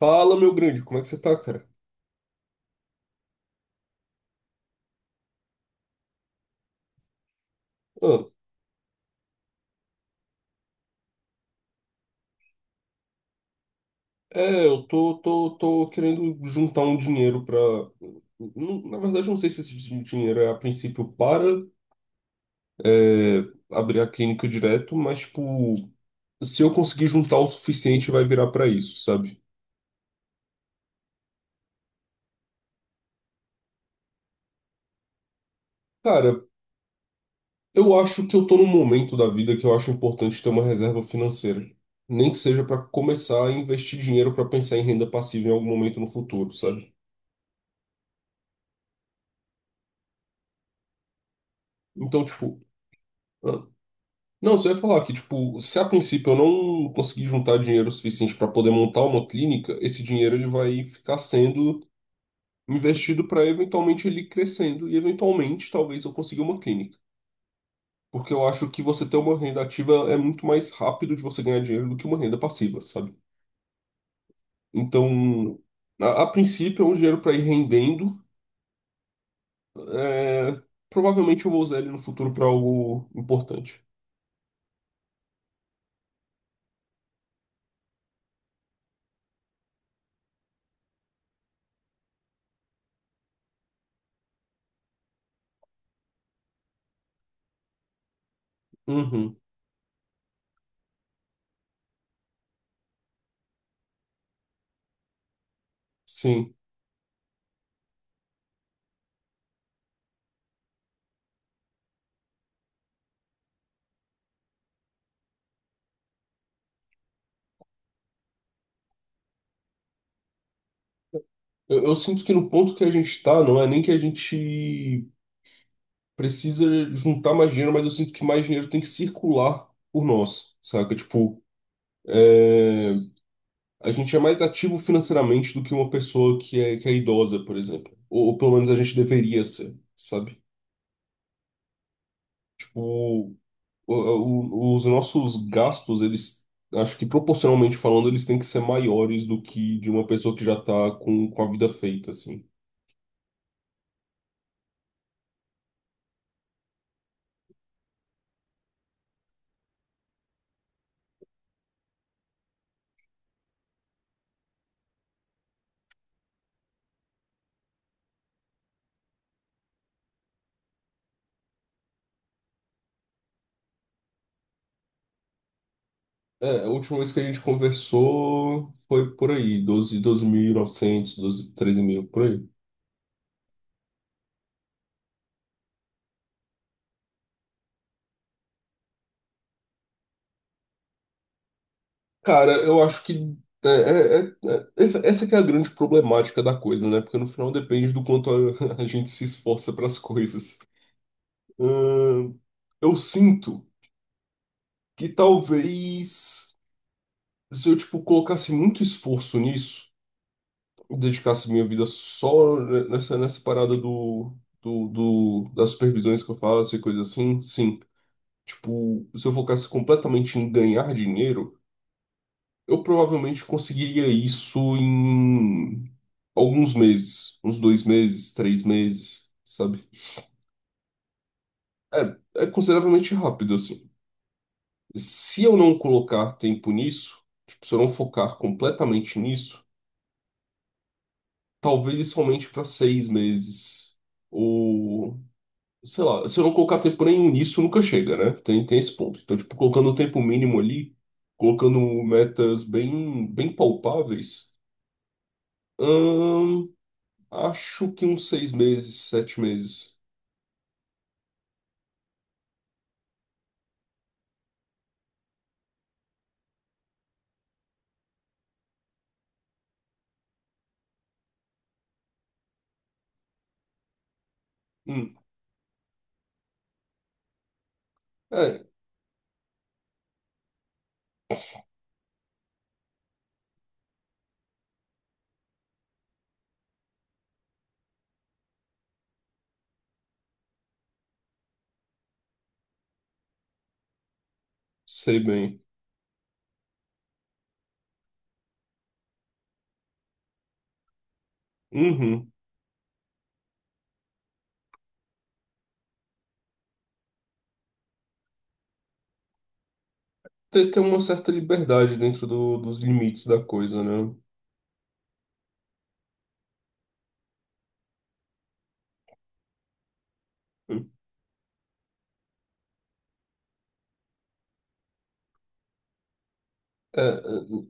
Fala, meu grande, como é que você tá, cara? Ah, é, eu tô querendo juntar um dinheiro pra. Na verdade, eu não sei se esse dinheiro é a princípio para é, abrir a clínica direto, mas, tipo, se eu conseguir juntar o suficiente, vai virar pra isso, sabe? Cara, eu acho que eu tô num momento da vida que eu acho importante ter uma reserva financeira. Nem que seja pra começar a investir dinheiro pra pensar em renda passiva em algum momento no futuro, sabe? Então, tipo. Ah, não, você vai falar que, tipo, se a princípio eu não conseguir juntar dinheiro suficiente para poder montar uma clínica, esse dinheiro ele vai ficar sendo investido para eventualmente ele ir crescendo e eventualmente talvez eu consiga uma clínica. Porque eu acho que você ter uma renda ativa é muito mais rápido de você ganhar dinheiro do que uma renda passiva, sabe? Então, a princípio é um dinheiro para ir rendendo. é, provavelmente eu vou usar ele no futuro para algo importante. Uhum, sim. Eu sinto que no ponto que a gente tá, não é nem que a gente precisa juntar mais dinheiro, mas eu sinto que mais dinheiro tem que circular por nós, saca? Tipo, é, a gente é mais ativo financeiramente do que uma pessoa que é idosa, por exemplo. Ou pelo menos a gente deveria ser, sabe? Tipo, os nossos gastos, eles, acho que proporcionalmente falando, eles têm que ser maiores do que de uma pessoa que já tá com a vida feita, assim. É, a última vez que a gente conversou foi por aí, 12, novecentos doze treze mil, por aí. Cara, eu acho que essa que é a grande problemática da coisa, né? Porque no final depende do quanto a, a gente se esforça para as coisas. Ahn, eu sinto que talvez se eu, tipo, colocasse muito esforço nisso, dedicasse minha vida só nessa parada das supervisões que eu faço e coisa assim, sim. Tipo, se eu focasse completamente em ganhar dinheiro, eu provavelmente conseguiria isso em alguns meses, uns 2 meses, 3 meses, sabe? É, é consideravelmente rápido, assim. Se eu não colocar tempo nisso, tipo, se eu não focar completamente nisso, talvez isso aumente para 6 meses ou sei lá, se eu não colocar tempo nenhum nisso, nunca chega, né? Tem esse ponto. Então, tipo, colocando o tempo mínimo ali, colocando metas bem, bem palpáveis, hum, acho que uns 6 meses, 7 meses. Hum, é, sei bem. Uhum. Ter uma certa liberdade dentro dos limites da coisa, né? Hum. É, é.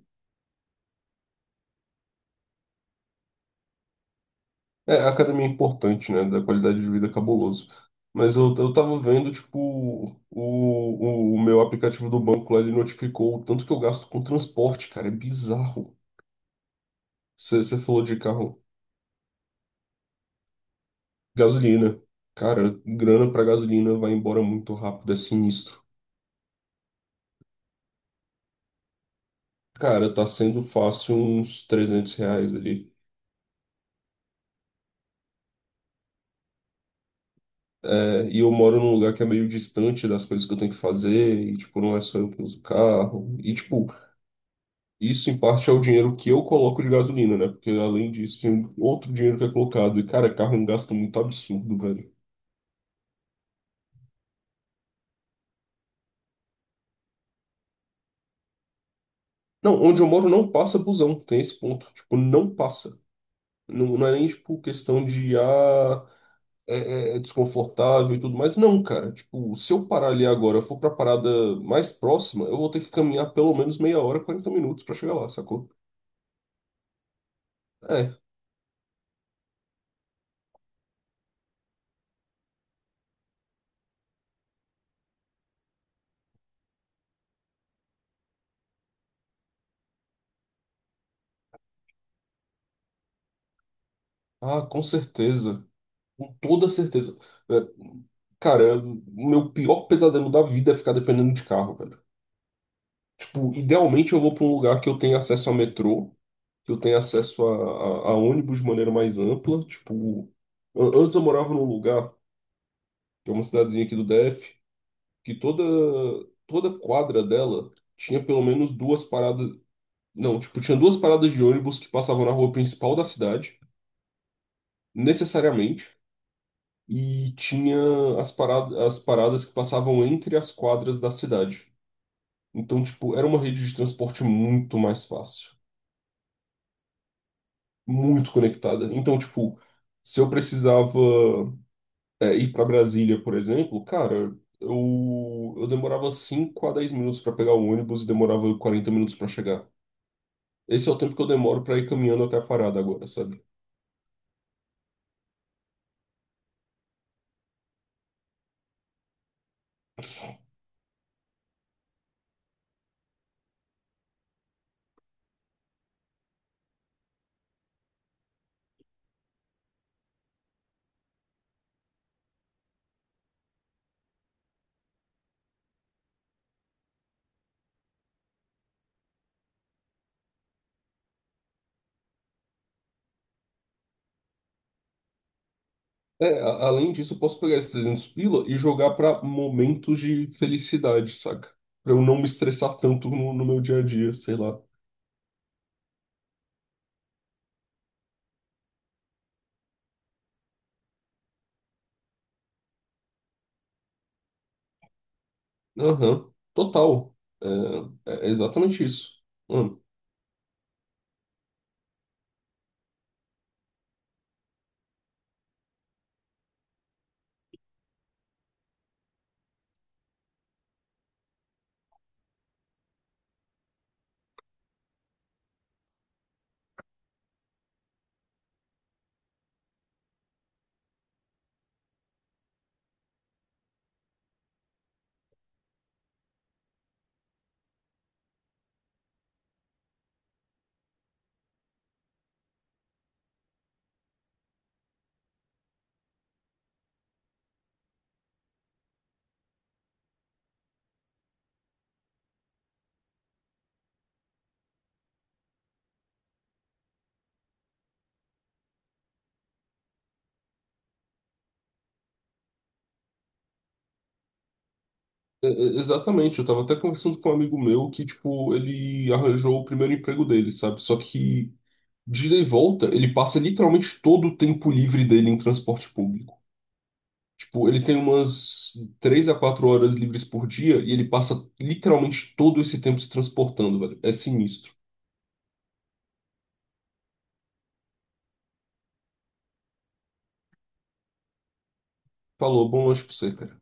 É, a academia é importante, né? Da qualidade de vida é cabuloso. Mas eu tava vendo, tipo, o meu aplicativo do banco lá, ele notificou o tanto que eu gasto com transporte, cara. É bizarro. Você falou de carro. Gasolina. Cara, grana pra gasolina vai embora muito rápido, é sinistro. Cara, tá sendo fácil uns R$ 300 ali. É, e eu moro num lugar que é meio distante das coisas que eu tenho que fazer, e, tipo, não é só eu que uso o carro. E, tipo, isso, em parte, é o dinheiro que eu coloco de gasolina, né? Porque além disso, tem outro dinheiro que é colocado. E, cara, carro é um gasto muito absurdo, velho. Não, onde eu moro não passa busão, tem esse ponto. Tipo, não passa. Não, não é nem, tipo, questão de, é, é desconfortável e tudo mais. Não, cara. Tipo, se eu parar ali agora, eu for pra parada mais próxima, eu vou ter que caminhar pelo menos meia hora, 40 minutos pra chegar lá, sacou? É. Ah, com certeza. Com toda certeza. É, cara, o meu pior pesadelo da vida é ficar dependendo de carro, velho. Tipo, idealmente eu vou pra um lugar que eu tenha acesso a metrô, que eu tenha acesso a ônibus de maneira mais ampla. Tipo, antes eu morava num lugar, que é uma cidadezinha aqui do DF, que toda quadra dela tinha pelo menos duas paradas. Não, tipo, tinha duas paradas de ônibus que passavam na rua principal da cidade, necessariamente. E tinha as paradas que passavam entre as quadras da cidade. Então, tipo, era uma rede de transporte muito mais fácil, muito conectada. Então, tipo, se eu precisava, ir para Brasília, por exemplo, cara, eu demorava 5 a 10 minutos para pegar o ônibus e demorava 40 minutos para chegar. Esse é o tempo que eu demoro para ir caminhando até a parada agora, sabe? É, além disso, eu posso pegar esses 300 pila e jogar pra momentos de felicidade, saca? Pra eu não me estressar tanto no meu dia a dia, sei lá. Aham, total. É, é exatamente isso. Hum, é exatamente, eu tava até conversando com um amigo meu que, tipo, ele arranjou o primeiro emprego dele, sabe? Só que de ida e volta, ele passa literalmente todo o tempo livre dele em transporte público. Tipo, ele tem umas 3 a 4 horas livres por dia e ele passa literalmente todo esse tempo se transportando, velho. É sinistro. Falou, bom lanche pra você, cara.